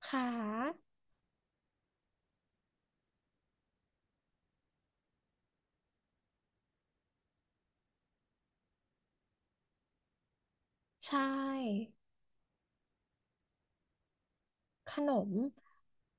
ขาใช่ขนม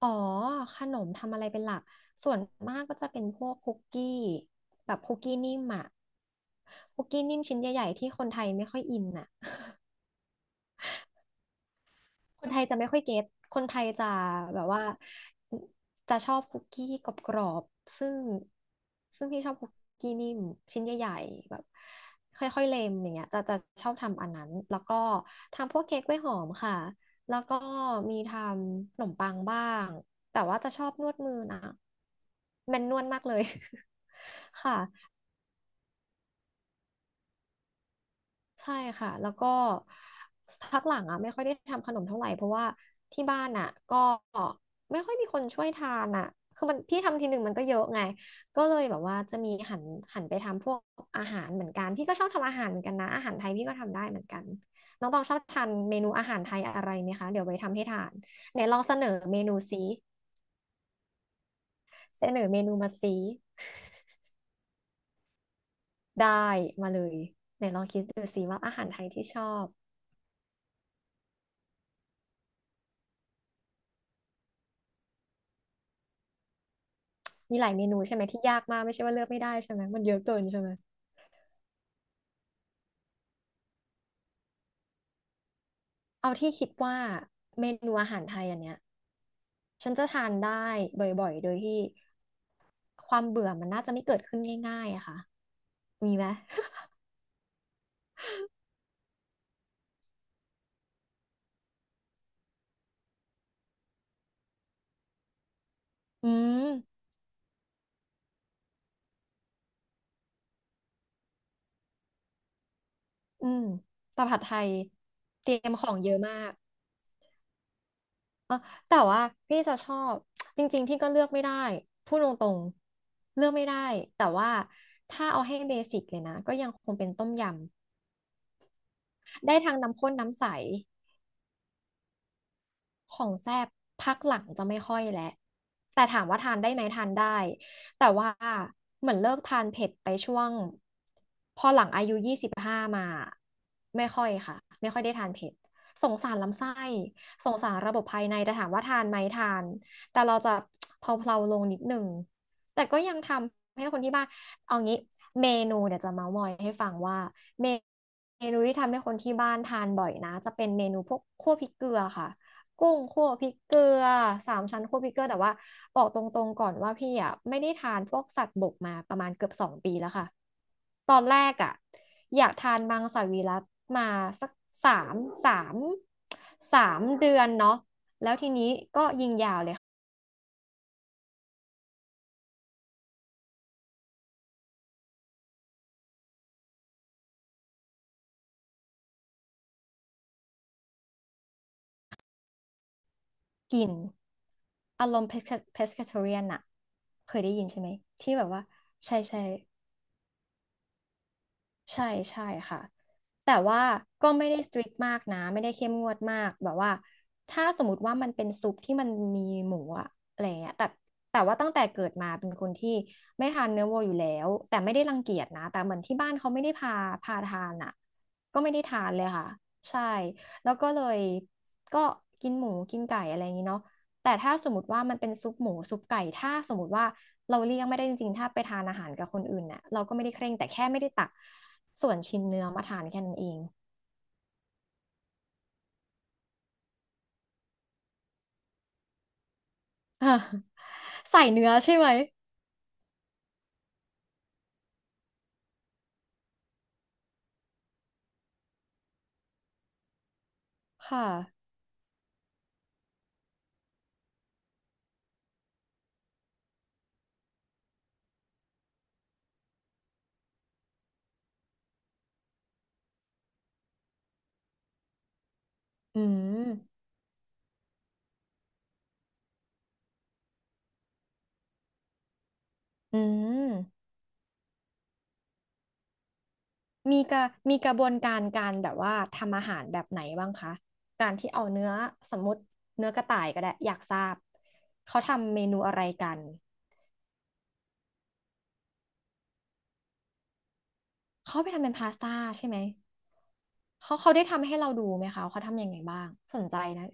อ๋อขนมทำอะไรเป็นหลักส่วนมากก็จะเป็นพวกคุกกี้แบบคุกกี้นิ่มอะคุกกี้นิ่มชิ้นใหญ่ๆที่คนไทยไม่ค่อยอินอะ คนไทยจะไม่ค่อยเก็ตคนไทยจะแบบว่าจะชอบคุกกี้ที่กรอบๆซึ่งพี่ชอบคุกกี้นิ่มชิ้นใหญ่ๆแบบค่อยๆเลมอย่างเงี้ยจะชอบทำอันนั้นแล้วก็ทำพวกเค้กกล้วยหอมค่ะแล้วก็มีทำขนมปังบ้างแต่ว่าจะชอบนวดมือนะแมนนวลมากเลย ค่ะ ใช่ค่ะแล้วก็พักหลังอ่ะไม่ค่อยได้ทำขนมเท่าไหร่เพราะว่าที่บ้านอ่ะก็ไม่ค่อยมีคนช่วยทานอ่ะคือมันพี่ทำทีหนึ่งมันก็เยอะไงก็เลยแบบว่าจะมีหันไปทำพวกอาหารเหมือนกันพี่ก็ชอบทำอาหารเหมือนกันนะอาหารไทยพี่ก็ทำได้เหมือนกันน้องตองชอบทานเมนูอาหารไทยอะไรไหมคะเดี๋ยวไปทำให้ทานไหนลองเสนอเมนูซิเสนอเมนูมาซิได้มาเลยไหนลองคิดดูซิว่าอาหารไทยที่ชอบ มีหลายเมนูใช่ไหมที่ยากมากไม่ใช่ว่าเลือกไม่ได้ใช่ไหมมันเยอะเกินใช่ไหมเอาที่คิดว่าเมนูอาหารไทยอันเนี้ยฉันจะทานได้บ่อยๆโดยที่ความเบื่อมันน่าจะไม่เกิดขึ้นง่ายๆอะค่ะมีไหม อืมอืมแตำผัดไทยเตรียมของเยอะมากเออแต่ว่าพี่จะชอบจริงๆพี่ก็เลือกไม่ได้พูดตรงๆเลือกไม่ได้แต่ว่าถ้าเอาให้เบสิกเลยนะก็ยังคงเป็นต้มยำได้ทั้งน้ำข้นน้ำใส ของแซ่บพักหลังจะไม่ค่อยแล้วแต่ถามว่าทานได้ไหมทานได้แต่ว่าเหมือนเลิกทานเผ็ดไปช่วงพอหลังอายุ25มาไม่ค่อยค่ะไม่ค่อยได้ทานเผ็ดสงสารลำไส้สงสารระบบภายในแต่ถามว่าทานไหมทานแต่เราจะเพลาๆลงนิดหนึ่งแต่ก็ยังทำให้คนที่บ้านเอางี้เมนูเดี๋ยวจะเมาท์มอยให้ฟังว่าเมนูที่ทำให้คนที่บ้านทานบ่อยนะจะเป็นเมนูพวกคั่วพริกเกลือค่ะ กุ้งคั่วพริกเกลือสามชั้นคั่วพริกเกลือแต่ว่าบอกตรงๆก่อนว่าพี่อ่ะไม่ได้ทานพวกสัตว์บกมาประมาณเกือบ2 ปีแล้วค่ะตอนแรกอ่ะอยากทานมังสวิรัติมาสักสามสามสามเดือนเนาะกินอารมณ์เพส pescatarian อะเคยได้ยินใช่ไหมที่แบบว่าใช่ใช่ ใช่ใช่ค่ะแต่ว่าก็ไม่ได้สตริกมากนะไม่ได้เข้มงวดมากแบบว่าถ้าสมมติว่ามันเป็นซุปที่มันมีหมูอะอะไรเงี้ยแต่แต่ว่าตั้งแต่เกิดมาเป็นคนที่ไม่ทานเนื้อวัวอยู่แล้วแต่ไม่ได้รังเกียจนะแต่เหมือนที่บ้านเขาไม่ได้พาทานอะก็ไม่ได้ทานเลยค่ะใช่แล้วก็เลยก็กินหมูกินไก่อะไรอย่างนี้เนาะแต่ถ้าสมมติว่ามันเป็นซุปหมูซุปไก่ถ้าสมมติว่าเราเลี่ยงไม่ได้จริงๆถ้าไปทานอาหารกับคนอื่นน่ะเราก็ไม่ได้เคร่งแต่แค่ไม่ได้ตัก ส่วนชิ้นเนื้อมาทานแค่นั้นเองอ่ะใส่เนื้อใช่ไหมค่ะอืมอืมมีกระมีกระบวนการการแบบว่าทำอาหารแบบไหนบ้างคะ การที่เอาเนื้อสมมติเนื้อกระต่ายก็ได้อยากทราบเขาทำเมนูอะไรกัน เขาไปทำเป็นพาสต้าใช่ไหมเขาเขาได้ทำให้เราดูไหมคะเขาทำยังไงบ้างสนใจนะ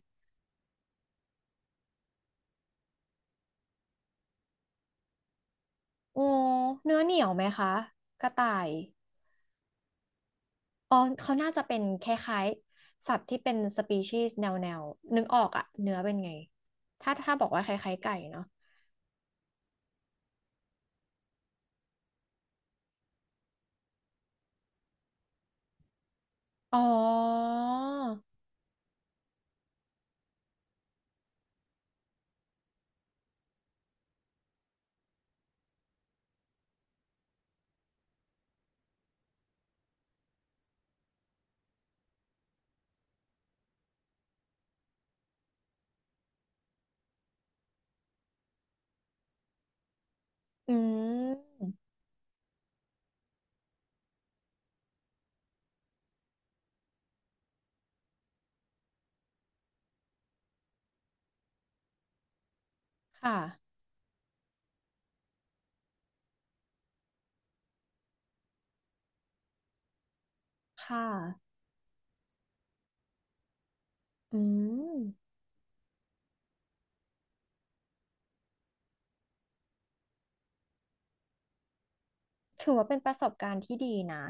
โอ้เนื้อเหนียวไหมคะกระต่าย อ๋อ เขาน่าจะเป็นคล้ายๆสัตว์ที่เป็นสปีชีส์แนวแนวนึกออกอะเนื้อเป็นไง ถ้าถ้าบอกว่าคล้ายๆไก่เนาะอ๋อ อืม ค่ะ ค่ะ อืมถือว่าเป็นประสบการณ์ที่ดีนะ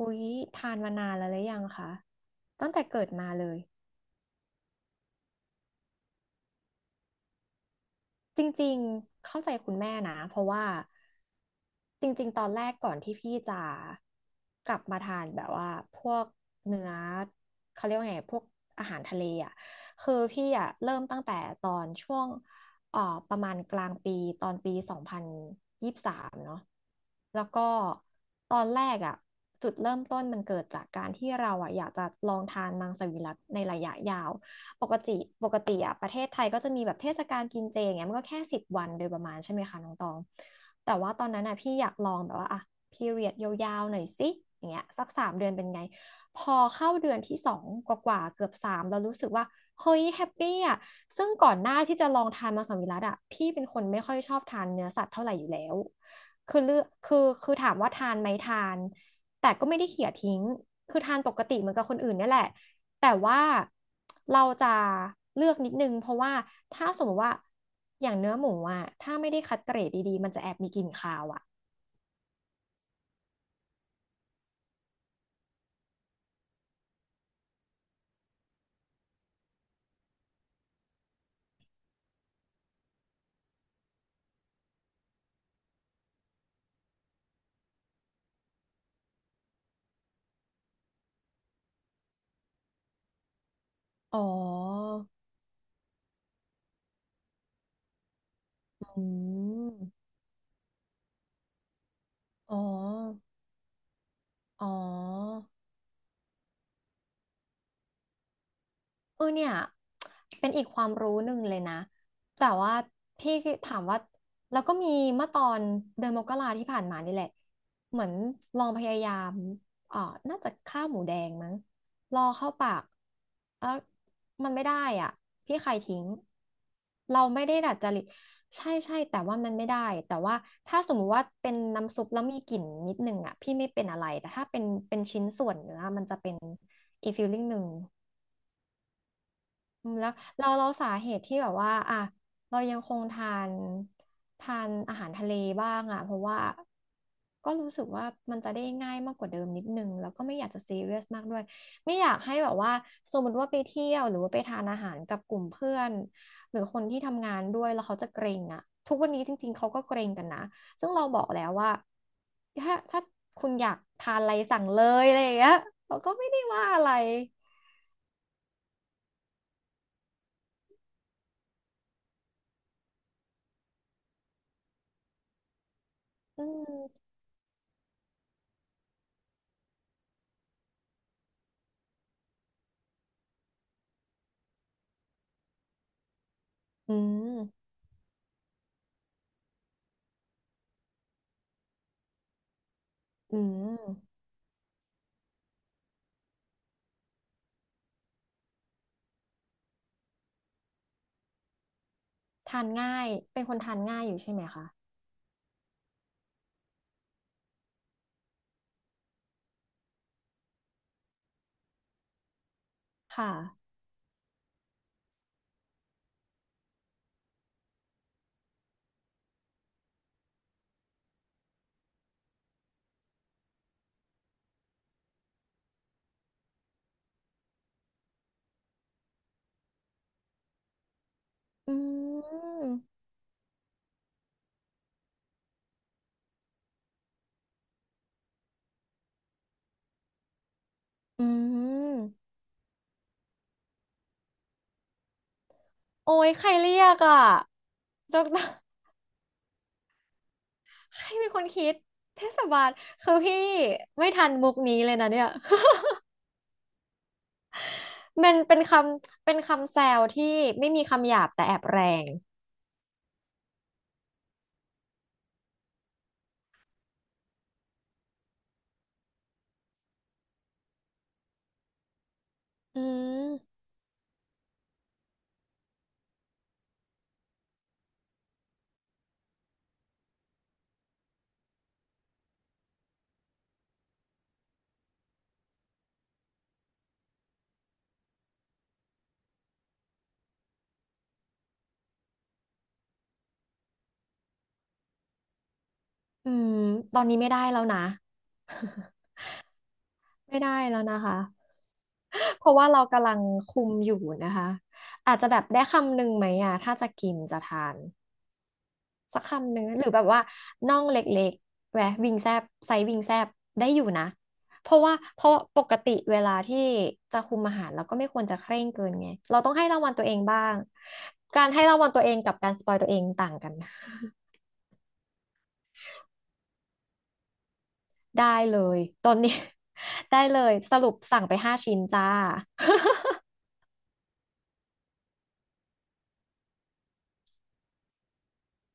อุ๊ย ทานมานานแล้วหรือยังคะตั้งแต่เกิดมาเลย จริงๆเข้าใจคุณแม่นะเพราะว่าจริงๆตอนแรกก่อนที่พี่จะกลับมาทานแบบว่าพวกเนื้อเขาเรียกว่าไงพวกอาหารทะเลอ่ะคือพี่อ่ะเริ่มตั้งแต่ตอนช่วงเอ่อประมาณกลางปีตอนปี 2023เนาะแล้วก็ตอนแรกอ่ะจุดเริ่มต้นมันเกิดจากการที่เราอ่ะอยากจะลองทานมังสวิรัติในระยะยาว ปกติปกติอะประเทศไทยก็จะมีแบบเทศกาลกินเจอย่างเงี้ยมันก็แค่10 วันโดยประมาณใช่ไหมคะน้องตองแต่ว่าตอนนั้นอะพี่อยากลองแบบว่าอะพีเรียดยาวๆหน่อยสิอย่างเงี้ยสัก3 เดือนเป็นไงพอเข้าเดือนที่สองกว่าๆเกือบสามเรารู้สึกว่าเฮ้ยแฮปปี้อะซึ่งก่อนหน้าที่จะลองทานมังสวิรัติอะพี่เป็นคนไม่ค่อยชอบทานเนื้อสัตว์เท่าไหร่อยู่แล้วคือเลือกคือคือถามว่าทานไหมทานแต่ก็ไม่ได้เขี่ยทิ้งคือทานปกติเหมือนกับคนอื่นเนี่ยแหละ แต่ว่าเราจะเลือกนิดนึงเพราะว่าถ้าสมมติว่าอย่างเนื้อหมูอ่ะถ้าไม่ได้คัดเกรดดีๆมันจะแอบมีกลิ่นคาวอ่ะอ๋ออืมอ๋ออ๋อ เออเนี่ยเป็นอีกความรู้หนึ่งเลยนะแต่ว่าพี่ถามว่าแล้วก็มีเมื่อตอนเดือนมกราที่ผ่านมานี่แหละเหมือนลองพยายามเอ่อน่าจะข้าวหมูแดงมั้งรอเข้าปากแล้วมันไม่ได้อ่ะพี่ใครทิ้งเราไม่ได้ดัดจริตใช่ใช่แต่ว่ามันไม่ได้แต่ว่าถ้าสมมุติว่าเป็นน้ำซุปแล้วมีกลิ่นนิดนึงอ่ะพี่ไม่เป็นอะไรแต่ถ้าเป็นเป็นชิ้นส่วนเนื้อมันจะเป็นอีกฟีลลิ่งหนึ่ง อืมแล้วเราสาเหตุที่แบบว่าอ่ะเรายังคงทานอาหารทะเลบ้างอ่ะเพราะว่าก็รู้สึกว่ามันจะได้ง่ายมากกว่าเดิมนิดนึงแล้วก็ไม่อยากจะซีเรียสมากด้วยไม่อยากให้แบบว่าสมมติว่าไปเที่ยวหรือว่าไปทานอาหารกับกลุ่มเพื่อนหรือคนที่ทำงานด้วยแล้วเขาจะเกรงอ่ะทุกวันนี้จริงๆเขาก็เกรงกันนะซึ่งเราบอกแล้วว่าถ้าคุณอยากทานอะไรสั่งเลยอะไรอย่างเงี้ยเราก็ไม่ได้ว่าอะไรอืมอืม อืมทานง่ายเป็นคนทานง่ายอยู่ใช่ไหมคะค่ะอืมอืมโอ้ยใครเรียกอ่ะดอกเตอรใครเป็นคนคิดเทศบาลคือพี่ไม่ทันมุกนี้เลยนะเนี่ย มันเป็นคำแซวที่ไม่มีคำหยาบแต่แอบแรงอืมอืมตอนนี้ไม่ได้แล้วนะ ไม่ได้แล้วนะคะ เพราะว่าเรากำลังคุมอยู่นะคะอาจจะแบบได้คำหนึ่งไหมอ่ะถ้าจะกินจะทาน สักคำหนึ่งหรือแบบว่าน่องเล็กๆแหวะวิงแซบไซส์วิงแซบได้อยู่นะเพราะว่าเพราะปกติเวลาที่จะคุมอาหารเราก็ไม่ควรจะเคร่งเกินไงเราต้องให้รางวัลตัวเองบ้างการให้รางวัลตัวเองกับการสปอยตัวเองต่างกัน ได้เลยตอนนี้ ได้เลยสรุปสั่งไป5 ชิ้นจ้า